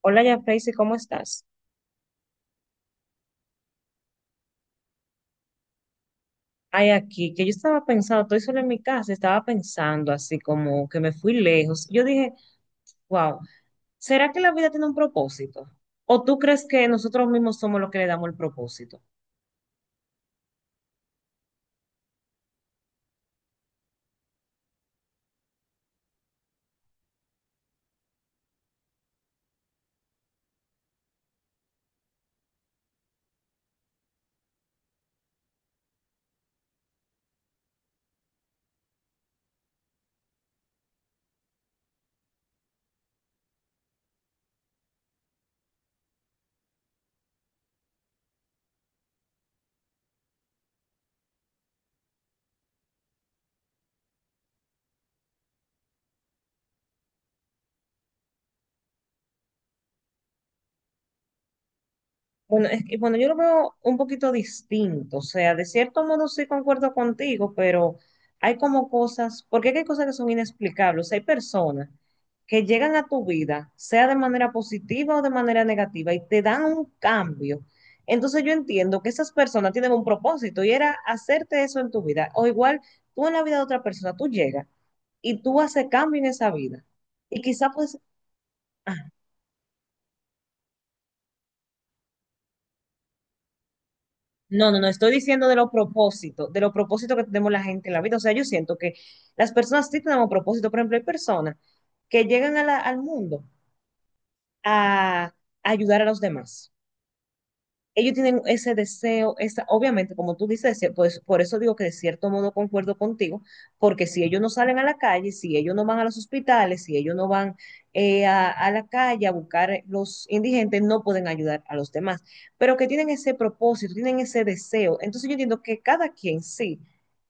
Hola, ya Freysi, ¿cómo estás? Ay, aquí, que yo estaba pensando, estoy sola en mi casa, estaba pensando así como que me fui lejos. Yo dije, wow, ¿será que la vida tiene un propósito? ¿O tú crees que nosotros mismos somos los que le damos el propósito? Bueno, es que, bueno, yo lo veo un poquito distinto, o sea, de cierto modo sí concuerdo contigo, pero hay como cosas, porque es que hay cosas que son inexplicables, o sea, hay personas que llegan a tu vida, sea de manera positiva o de manera negativa, y te dan un cambio. Entonces yo entiendo que esas personas tienen un propósito y era hacerte eso en tu vida, o igual tú en la vida de otra persona, tú llegas y tú haces cambio en esa vida, y quizá pues... No, no, no, estoy diciendo de los propósitos que tenemos la gente en la vida. O sea, yo siento que las personas sí tenemos propósito. Por ejemplo, hay personas que llegan a al mundo a ayudar a los demás, ellos tienen ese deseo, esa, obviamente, como tú dices, pues por eso digo que de cierto modo concuerdo contigo, porque si ellos no salen a la calle, si ellos no van a los hospitales, si ellos no van a la calle a buscar los indigentes, no pueden ayudar a los demás, pero que tienen ese propósito, tienen ese deseo. Entonces yo entiendo que cada quien sí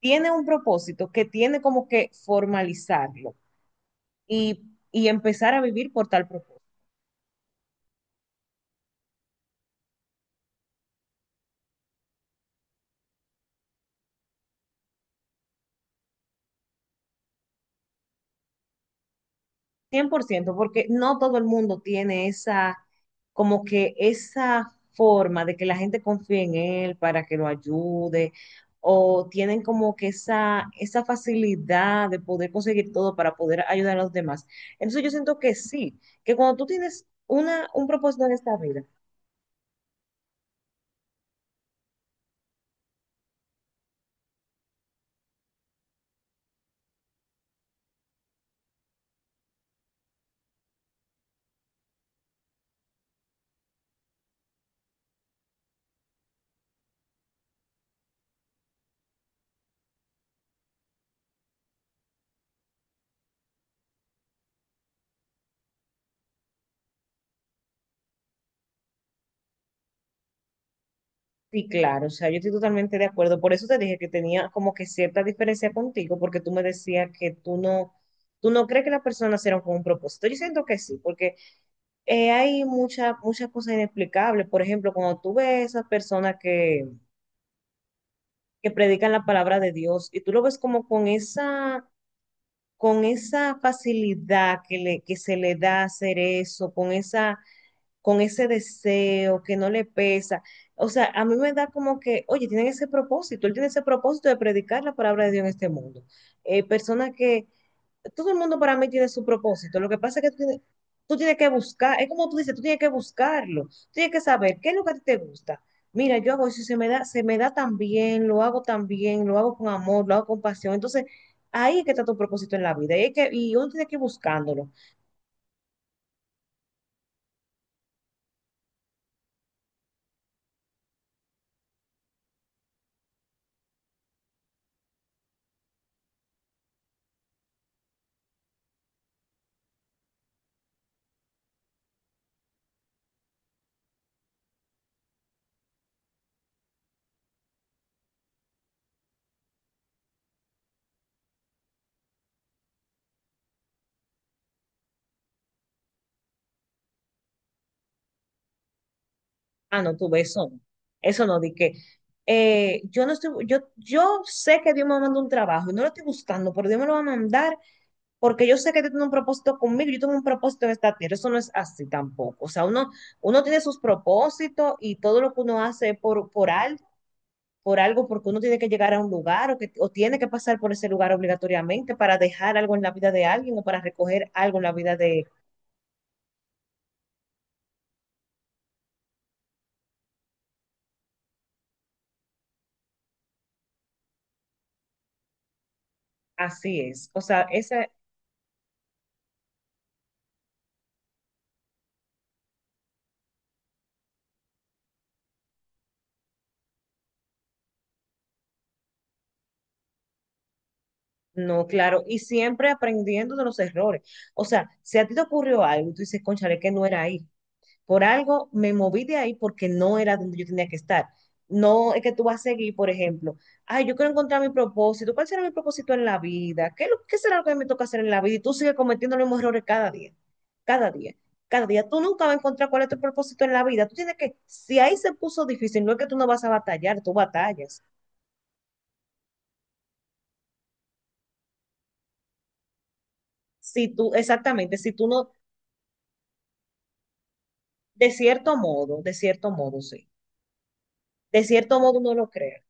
tiene un propósito, que tiene como que formalizarlo y, y empezar a vivir por tal propósito. Cien por ciento, porque no todo el mundo tiene esa, como que esa forma de que la gente confíe en él para que lo ayude, o tienen como que esa facilidad de poder conseguir todo para poder ayudar a los demás. Entonces yo siento que sí, que cuando tú tienes una, un propósito en esta vida, sí, claro, o sea, yo estoy totalmente de acuerdo. Por eso te dije que tenía como que cierta diferencia contigo, porque tú me decías que tú no... ¿Tú no crees que las personas nacieron con un propósito? Yo siento que sí, porque hay muchas cosas inexplicables. Por ejemplo, cuando tú ves esas personas que predican la palabra de Dios y tú lo ves como con esa facilidad que, le, que se le da hacer eso, con esa, con ese deseo que no le pesa. O sea, a mí me da como que, oye, tienen ese propósito, él tiene ese propósito de predicar la palabra de Dios en este mundo. Personas que todo el mundo para mí tiene su propósito. Lo que pasa es que tú tienes que buscar, es como tú dices, tú tienes que buscarlo, tú tienes que saber qué es lo que a ti te gusta. Mira, yo hago eso, se me da tan bien, lo hago tan bien, lo hago con amor, lo hago con pasión. Entonces, ahí es que está tu propósito en la vida. Y, es que, y uno tiene que ir buscándolo. Ah, no, tú ves eso. No. Eso no, di que yo no estoy, yo sé que Dios me manda un trabajo y no lo estoy buscando, pero Dios me lo va a mandar porque yo sé que tú tienes un propósito conmigo, yo tengo un propósito en esta tierra, eso no es así tampoco. O sea, uno, uno tiene sus propósitos y todo lo que uno hace por al, por algo, porque uno tiene que llegar a un lugar o, que, o tiene que pasar por ese lugar obligatoriamente para dejar algo en la vida de alguien o para recoger algo en la vida de... Así es. O sea, esa, no, claro, y siempre aprendiendo de los errores. O sea, si a ti te ocurrió algo y tú dices, cónchale que no era ahí, por algo me moví de ahí porque no era donde yo tenía que estar. No es que tú vas a seguir, por ejemplo, ay, yo quiero encontrar mi propósito. ¿Cuál será mi propósito en la vida? ¿Qué, es lo- qué será lo que me toca hacer en la vida? Y tú sigues cometiendo los mismos errores cada día, cada día, cada día. Tú nunca vas a encontrar cuál es tu propósito en la vida. Tú tienes que, si ahí se puso difícil, no es que tú no vas a batallar, tú batallas. Si tú, exactamente, si tú no, de cierto modo, sí. De cierto modo uno lo crea.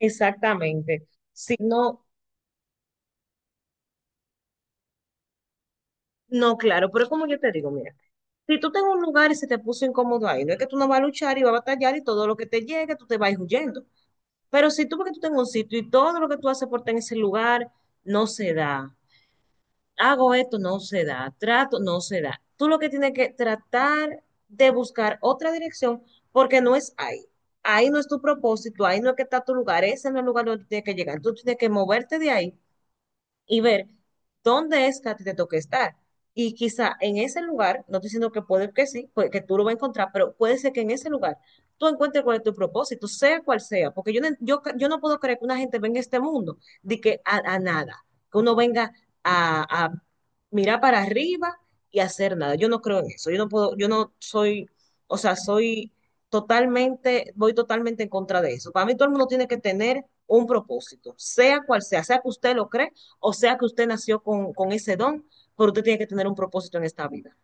Exactamente. Si no, no, claro, pero como yo te digo, mira, si tú tengo un lugar y se te puso incómodo ahí, no es que tú no vas a luchar y vas a batallar y todo lo que te llegue, tú te vas a ir huyendo. Pero si tú porque tú tengas un sitio y todo lo que tú haces por estar en ese lugar no se da, hago esto, no se da, trato, no se da. Tú lo que tienes que tratar de buscar otra dirección porque no es ahí. Ahí no es tu propósito, ahí no es que está tu lugar, ese no es el lugar donde tú tienes que llegar. Tú tienes que moverte de ahí y ver dónde es que a ti te toque estar. Y quizá en ese lugar, no estoy diciendo que puede que sí, puede que tú lo vas a encontrar, pero puede ser que en ese lugar tú encuentres cuál es tu propósito, sea cual sea, porque yo no, yo no puedo creer que una gente venga a este mundo de que a nada, que uno venga a mirar para arriba y hacer nada. Yo no creo en eso, yo no puedo, yo no soy, o sea, soy totalmente, voy totalmente en contra de eso. Para mí todo el mundo tiene que tener un propósito, sea cual sea, sea que usted lo cree o sea que usted nació con ese don, pero usted tiene que tener un propósito en esta vida.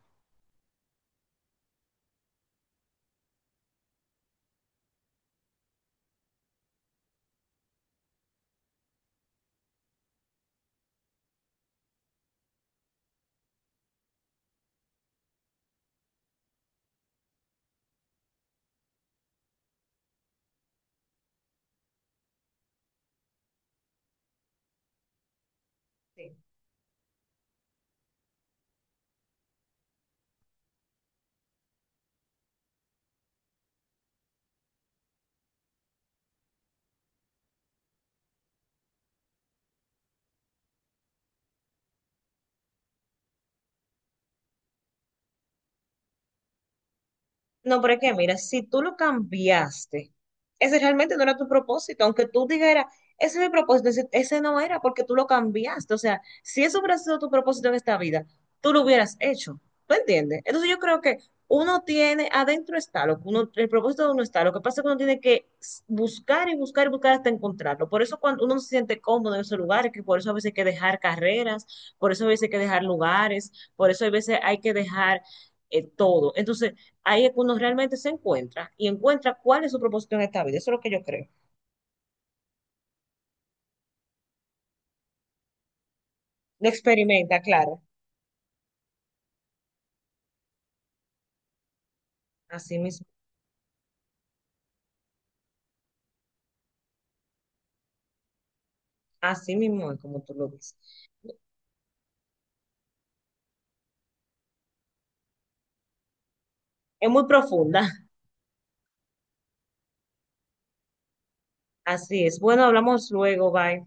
Sí. No, pero es que mira, si tú lo cambiaste, ese realmente no era tu propósito, aunque tú dijeras, ese es mi propósito, ese no era porque tú lo cambiaste. O sea, si eso hubiera sido tu propósito en esta vida, tú lo hubieras hecho. ¿Tú entiendes? Entonces yo creo que uno tiene, adentro está lo que uno, el propósito de uno está, lo que pasa es que uno tiene que buscar y buscar y buscar hasta encontrarlo. Por eso cuando uno no se siente cómodo en esos lugares, que por eso a veces hay que dejar carreras, por eso a veces hay que dejar lugares, por eso a veces hay que dejar todo. Entonces ahí es cuando realmente se encuentra y encuentra cuál es su propósito en esta vida. Eso es lo que yo creo. Lo experimenta, claro. Así mismo, así mismo es como tú lo ves. Es muy profunda. Así es. Bueno, hablamos luego. Bye.